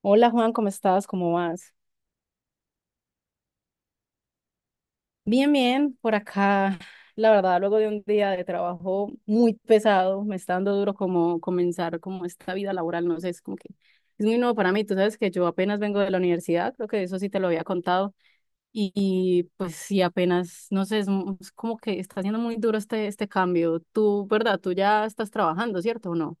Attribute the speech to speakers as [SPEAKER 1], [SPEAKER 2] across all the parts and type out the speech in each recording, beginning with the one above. [SPEAKER 1] Hola Juan, ¿cómo estás? ¿Cómo vas? Bien, bien, por acá. La verdad, luego de un día de trabajo muy pesado, me está dando duro como comenzar como esta vida laboral, no sé, es como que es muy nuevo para mí. Tú sabes que yo apenas vengo de la universidad, creo que eso sí te lo había contado, y, pues sí, apenas, no sé, es como que está siendo muy duro este cambio. Tú, ¿verdad? Tú ya estás trabajando, ¿cierto o no?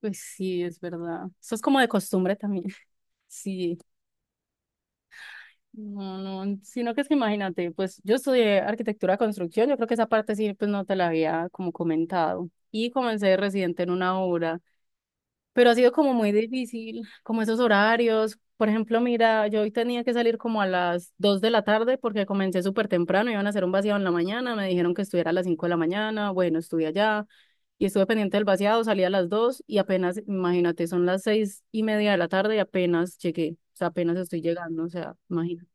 [SPEAKER 1] Pues sí, es verdad. Eso es como de costumbre también. Sí. No, no, sino que es que imagínate, pues yo estudié arquitectura de construcción, yo creo que esa parte sí, pues no te la había como comentado. Y comencé de residente en una obra, pero ha sido como muy difícil, como esos horarios. Por ejemplo, mira, yo hoy tenía que salir como a las 2 de la tarde porque comencé súper temprano, iban a hacer un vaciado en la mañana, me dijeron que estuviera a las 5 de la mañana, bueno, estuve allá y estuve pendiente del vaciado, salí a las 2 y apenas, imagínate, son las 6:30 de la tarde y apenas llegué, o sea, apenas estoy llegando, o sea, imagínate.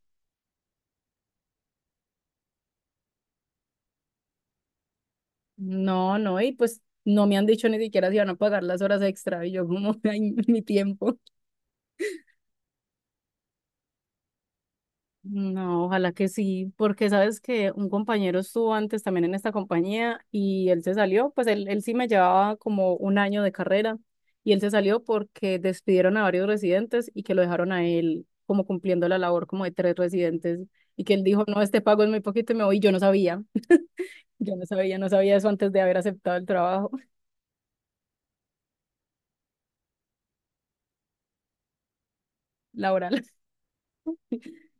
[SPEAKER 1] No, no, y pues no me han dicho ni siquiera si van a pagar las horas extra y yo como, ay, mi tiempo. No, ojalá que sí, porque sabes que un compañero estuvo antes también en esta compañía y él se salió, pues él sí me llevaba como un año de carrera y él se salió porque despidieron a varios residentes y que lo dejaron a él como cumpliendo la labor como de tres residentes y que él dijo, no, este pago es muy poquito y me voy, y yo no sabía, yo no sabía eso antes de haber aceptado el trabajo laboral.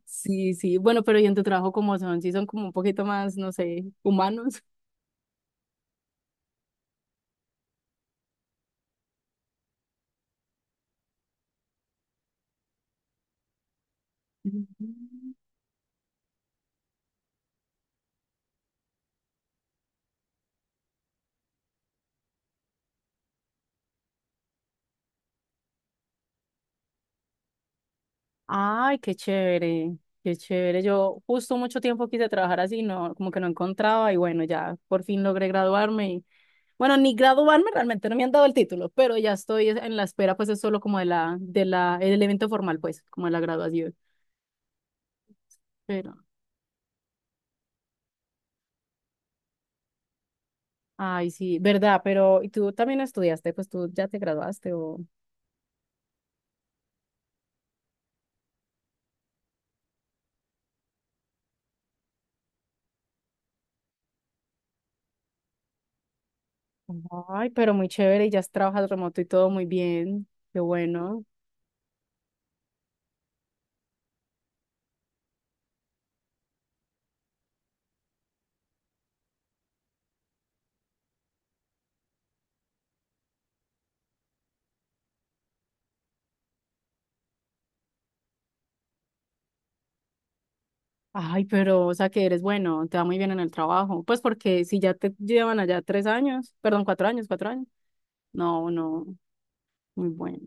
[SPEAKER 1] Sí, sí. Bueno, pero ¿y en tu trabajo cómo son? Sí, son como un poquito más, no sé, humanos. Mm. Ay, qué chévere, qué chévere. Yo justo mucho tiempo quise trabajar así, no, como que no encontraba y bueno, ya por fin logré graduarme y bueno, ni graduarme realmente, no me han dado el título, pero ya estoy en la espera, pues es solo como el evento formal, pues, como de la graduación. Pero, ay, sí, verdad, pero ¿y tú también estudiaste? Pues tú ya te graduaste o. Ay, pero muy chévere y ya trabajas remoto y todo muy bien. Qué bueno. Ay, pero, o sea, que eres bueno, te va muy bien en el trabajo. Pues porque si ya te llevan allá 3 años, perdón, 4 años, 4 años. No, no, muy bueno.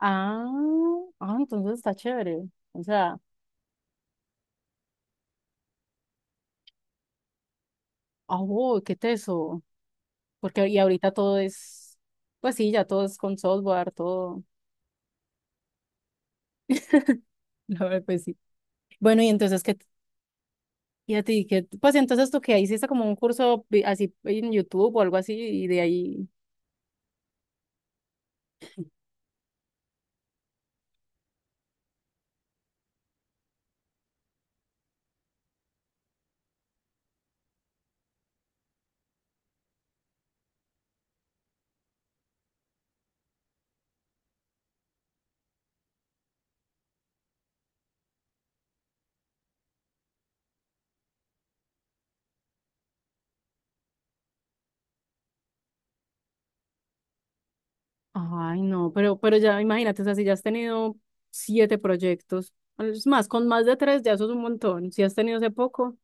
[SPEAKER 1] Ah, ah, entonces está chévere. O sea, ah, wow, qué teso. Porque y ahorita todo es, pues sí, ya todo es con software, todo. La verdad, pues sí. Bueno, y entonces, ¿qué, y a ti, qué, pues entonces tú que hiciste como un curso vi- así en YouTube o algo así y de ahí. Ay, no, pero ya imagínate, o sea, si ya has tenido siete proyectos, es más, con más de tres ya eso es un montón. Si has tenido hace poco,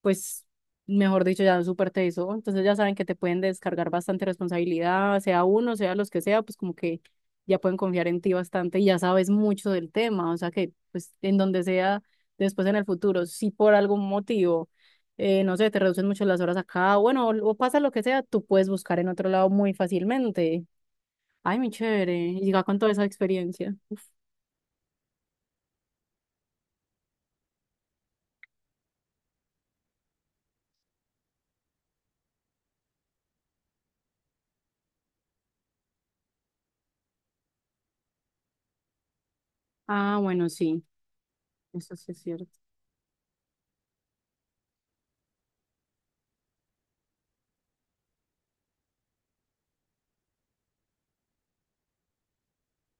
[SPEAKER 1] pues, mejor dicho, ya súper te hizo. Entonces ya saben que te pueden descargar bastante responsabilidad, sea uno, sea los que sea, pues como que ya pueden confiar en ti bastante y ya sabes mucho del tema, o sea que, pues, en donde sea, después en el futuro, si por algún motivo, no sé, te reducen mucho las horas acá, bueno, o pasa lo que sea, tú puedes buscar en otro lado muy fácilmente. Ay, muy chévere. Y ya con toda esa experiencia. Ah, bueno, sí, eso sí es cierto.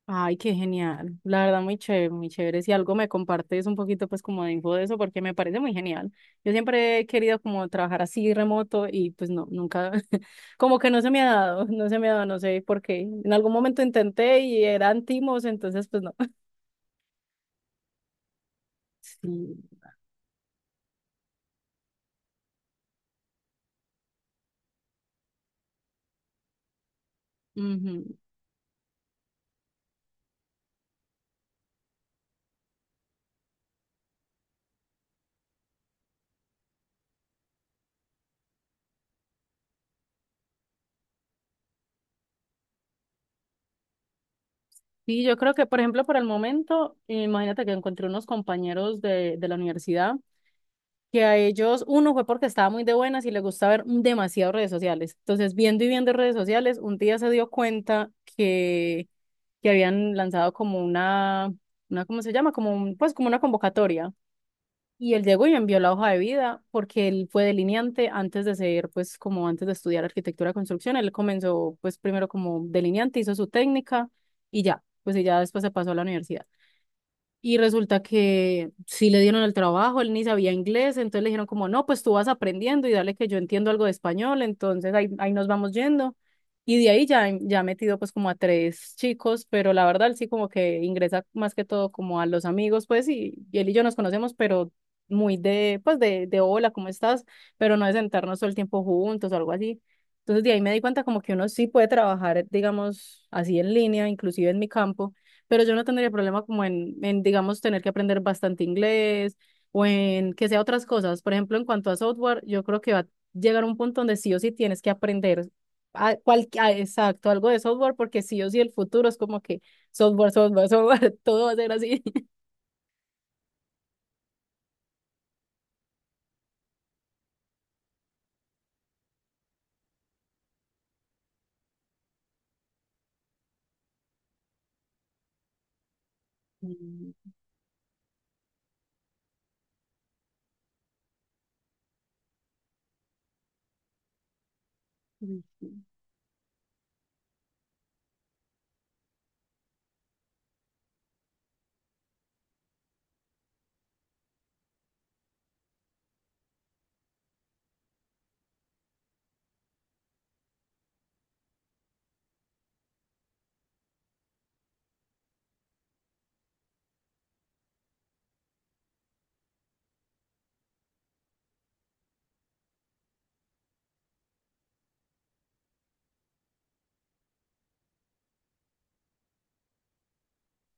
[SPEAKER 1] Ay, qué genial. La verdad, muy chévere, muy chévere. Si algo me compartes un poquito, pues como de info de eso, porque me parece muy genial. Yo siempre he querido como trabajar así remoto y pues no, nunca, como que no se me ha dado, no se me ha dado, no sé por qué. En algún momento intenté y eran timos, entonces pues no. Sí. Ujú. Sí, yo creo que, por ejemplo, por el momento, imagínate que encontré unos compañeros de la universidad, que a ellos, uno fue porque estaba muy de buenas y les gusta ver demasiado redes sociales. Entonces, viendo y viendo redes sociales, un día se dio cuenta que, que, habían lanzado como ¿cómo se llama? Como pues como una convocatoria. Y él llegó y me envió la hoja de vida porque él fue delineante antes de ser, pues como antes de estudiar arquitectura de construcción, él comenzó pues primero como delineante, hizo su técnica y ya, pues y ya después se pasó a la universidad. Y resulta que sí le dieron el trabajo, él ni sabía inglés, entonces le dijeron como, no, pues tú vas aprendiendo y dale que yo entiendo algo de español, entonces ahí, ahí nos vamos yendo. Y de ahí ya ha metido pues como a tres chicos, pero la verdad él sí como que ingresa más que todo como a los amigos, pues, y él y yo nos conocemos, pero muy de hola, ¿cómo estás? Pero no de sentarnos todo el tiempo juntos o algo así. Entonces de ahí me di cuenta como que uno sí puede trabajar, digamos, así en línea, inclusive en mi campo, pero yo no tendría problema como en, digamos, tener que aprender bastante inglés o en que sea otras cosas. Por ejemplo, en cuanto a software, yo creo que va a llegar un punto donde sí o sí tienes que aprender exacto, algo de software, porque sí o sí el futuro es como que software, software, software, todo va a ser así. Mm, mm.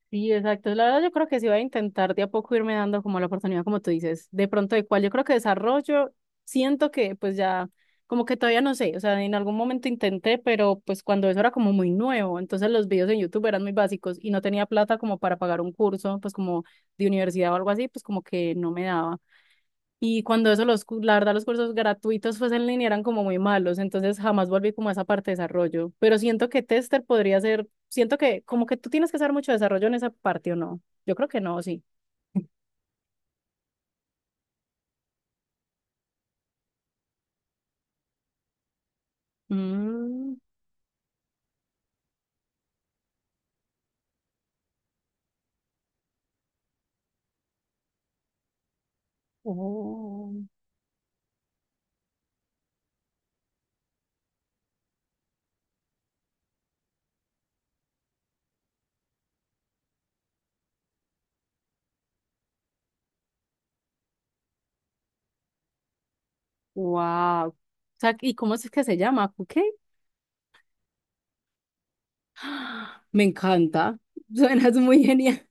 [SPEAKER 1] Sí, exacto. La verdad, yo creo que sí voy a intentar de a poco irme dando como la oportunidad, como tú dices, de pronto de cuál. Yo creo que desarrollo, siento que pues ya, como que todavía no sé, o sea, en algún momento intenté, pero pues cuando eso era como muy nuevo, entonces los videos en YouTube eran muy básicos y no tenía plata como para pagar un curso, pues como de universidad o algo así, pues como que no me daba. Y cuando eso, la verdad, los cursos gratuitos pues en línea eran como muy malos, entonces jamás volví como a esa parte de desarrollo. Pero siento que tester podría ser, siento que como que tú tienes que hacer mucho desarrollo en esa parte o no. Yo creo que no, sí. Mm, oh, wow. O sea, ¿y cómo es que se llama? ¿Qué? Me encanta. Suenas muy genial.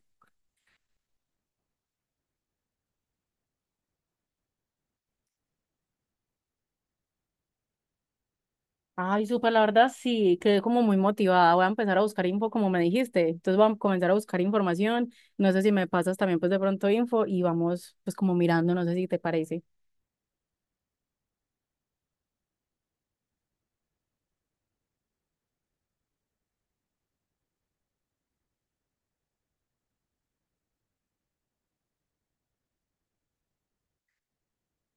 [SPEAKER 1] Ay, súper, la verdad sí, quedé como muy motivada. Voy a empezar a buscar info como me dijiste. Entonces voy a comenzar a buscar información. No sé si me pasas también pues de pronto info y vamos pues como mirando, no sé si te parece.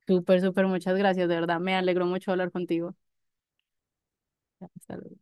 [SPEAKER 1] Súper, súper, muchas gracias, de verdad. Me alegró mucho hablar contigo. Hasta luego.